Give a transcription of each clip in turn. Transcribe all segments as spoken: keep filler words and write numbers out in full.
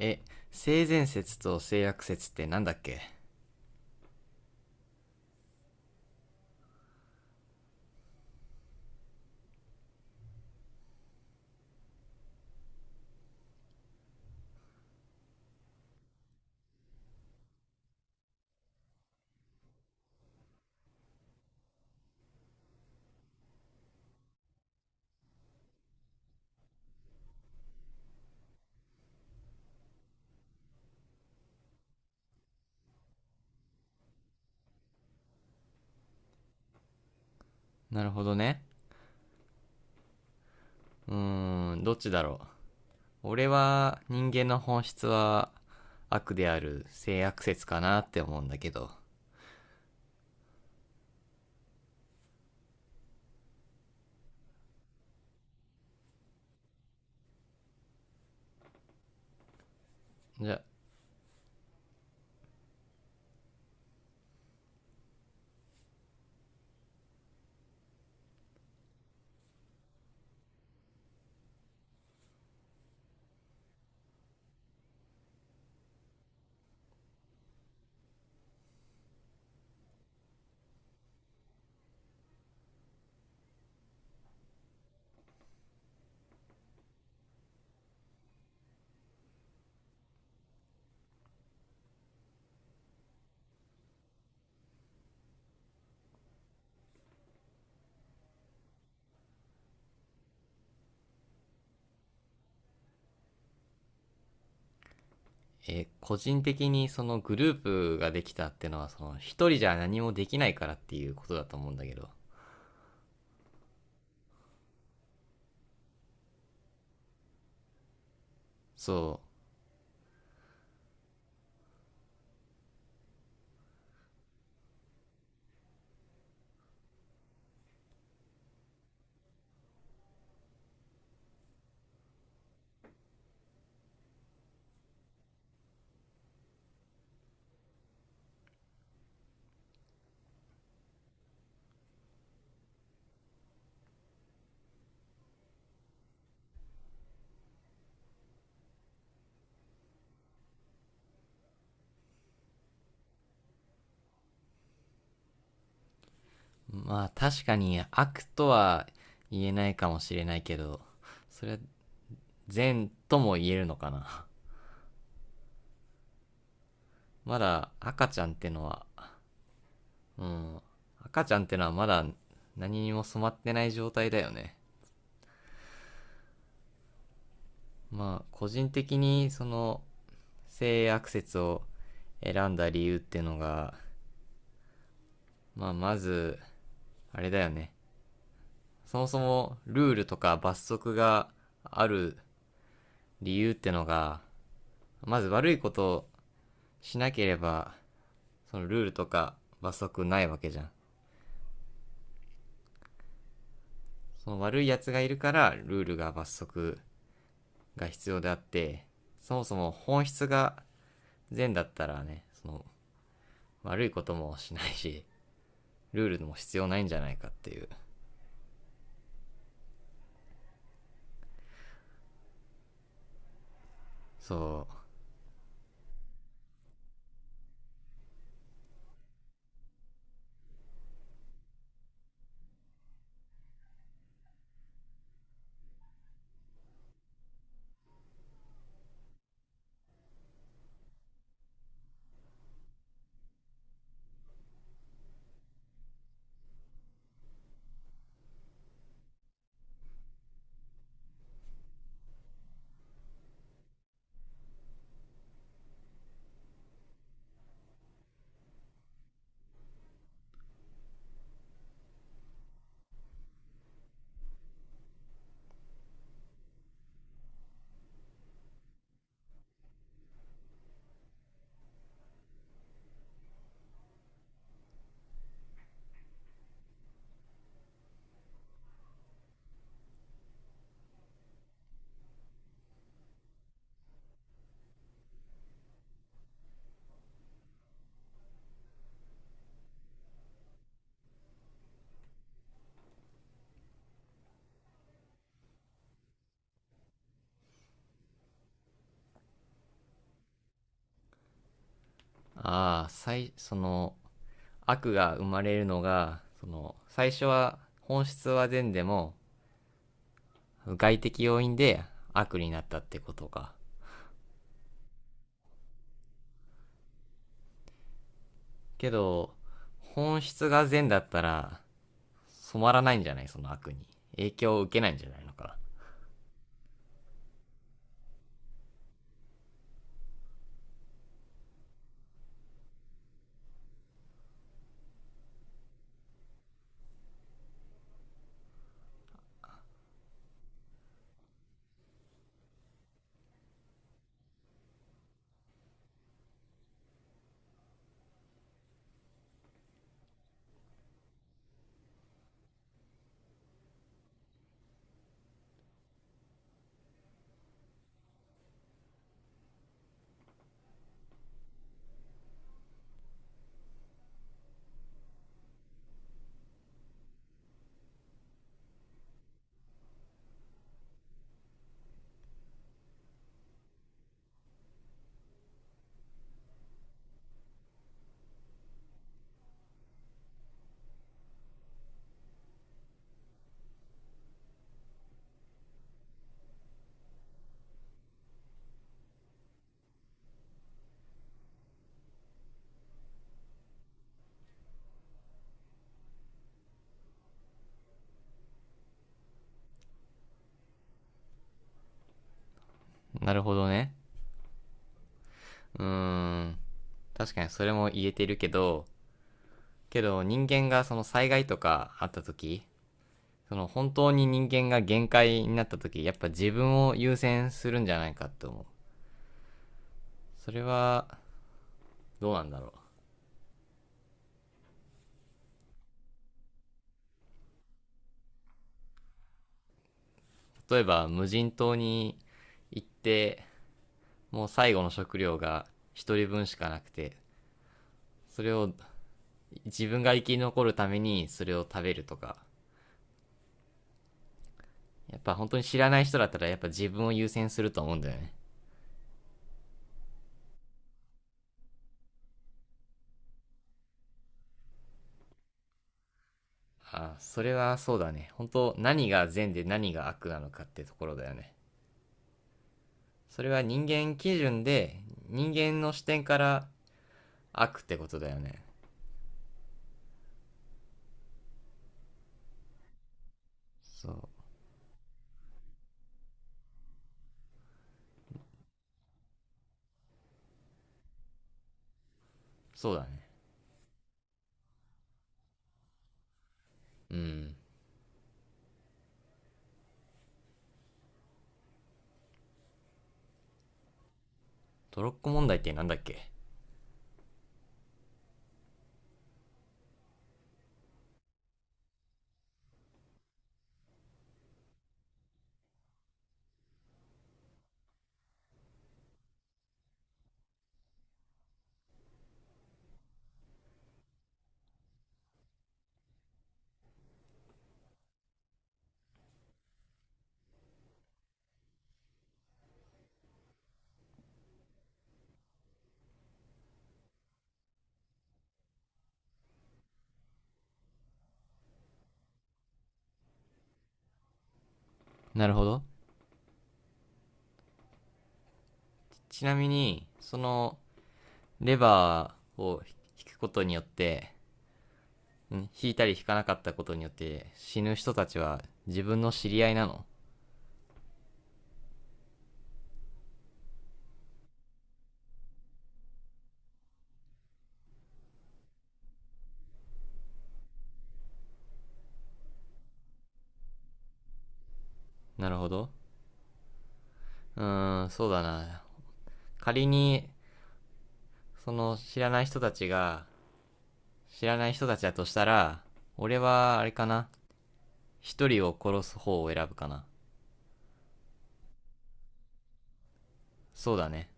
え、性善説と性悪説ってなんだっけ。なるほどね。うーん、どっちだろう。俺は人間の本質は悪である性悪説かなって思うんだけど。じゃ、え、個人的にそのグループができたってのはその一人じゃ何もできないからっていうことだと思うんだけど。そう。まあ確かに悪とは言えないかもしれないけど、それは善とも言えるのかな。まだ赤ちゃんってのは。うん。赤ちゃんってのはまだ何にも染まってない状態だよね。まあ、個人的にその性悪説を選んだ理由っていうのが、まあ、まず、あれだよね。そもそもルールとか罰則がある理由ってのが、まず悪いことをしなければ、そのルールとか罰則ないわけじゃん。その悪いやつがいるから、ルールが罰則が必要であって、そもそも本質が善だったらね、その悪いこともしないしルールも必要ないんじゃないかっていう。そう。ああ、最その悪が生まれるのがその最初は本質は善でも外的要因で悪になったってことか。けど本質が善だったら染まらないんじゃない、その悪に影響を受けないんじゃないのかな。なるほどね。うーん、確かにそれも言えてるけど、けど人間がその災害とかあった時、その本当に人間が限界になった時やっぱ自分を優先するんじゃないかって思う。それはどうなんだろう。例えば無人島に行ってもう最後の食料が一人分しかなくて、それを自分が生き残るためにそれを食べるとか。やっぱ本当に知らない人だったらやっぱ自分を優先すると思うんだよね。ああ、それはそうだね。本当何が善で何が悪なのかってところだよね。それは人間基準で人間の視点から悪ってことだよね。そう。そうだね。うん。トロッコ問題ってなんだっけ。なるほど。ちなみにそのレバーを引くことによって引いたり引かなかったことによって死ぬ人たちは自分の知り合いなの。なるほど。うーん、そうだな。仮にその知らない人たちが知らない人たちだとしたら俺はあれかな。一人を殺す方を選ぶかな。そうだね。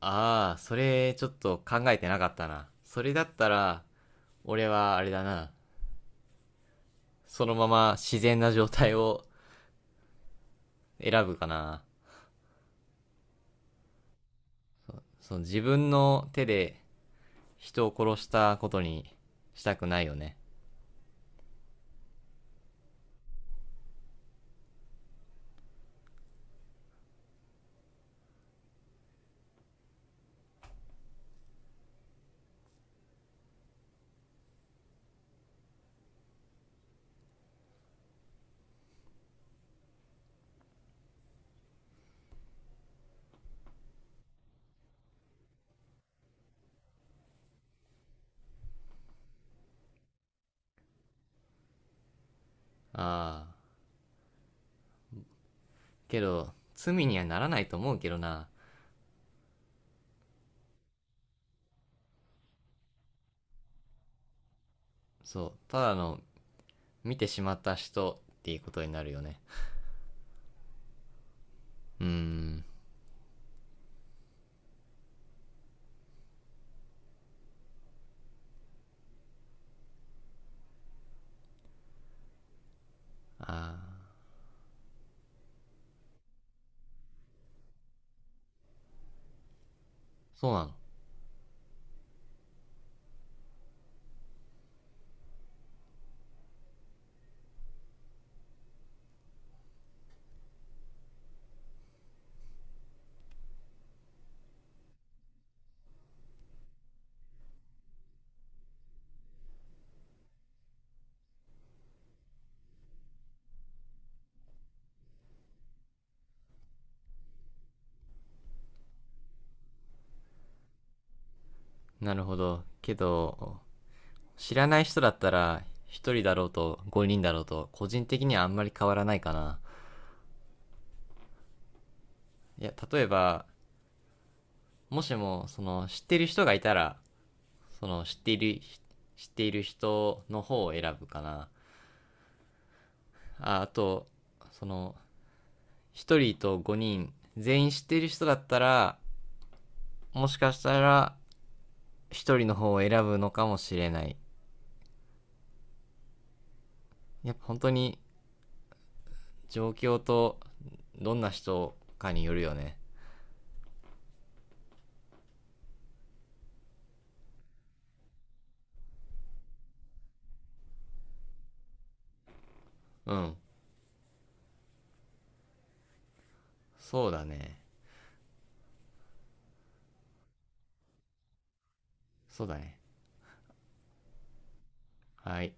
ああ、それちょっと考えてなかったな。それだったら、俺はあれだな。そのまま自然な状態を選ぶかな。その自分の手で人を殺したことにしたくないよね。ああ、けど、罪にはならないと思うけどな。そう、ただの見てしまった人っていうことになるよね。うーん。ああ、そうなの。なるほど。けど、知らない人だったら、一人だろうとごにんだろうと、個人的にはあんまり変わらないかな。いや、例えば、もしも、その、知ってる人がいたら、その、知っている、知っている人の方を選ぶかな。ああと、その、一人とごにん、全員知ってる人だったら、もしかしたら、一人の方を選ぶのかもしれない。やっぱ本当に、状況と、どんな人かによるよね。うん。そうだね。そうだね。はい。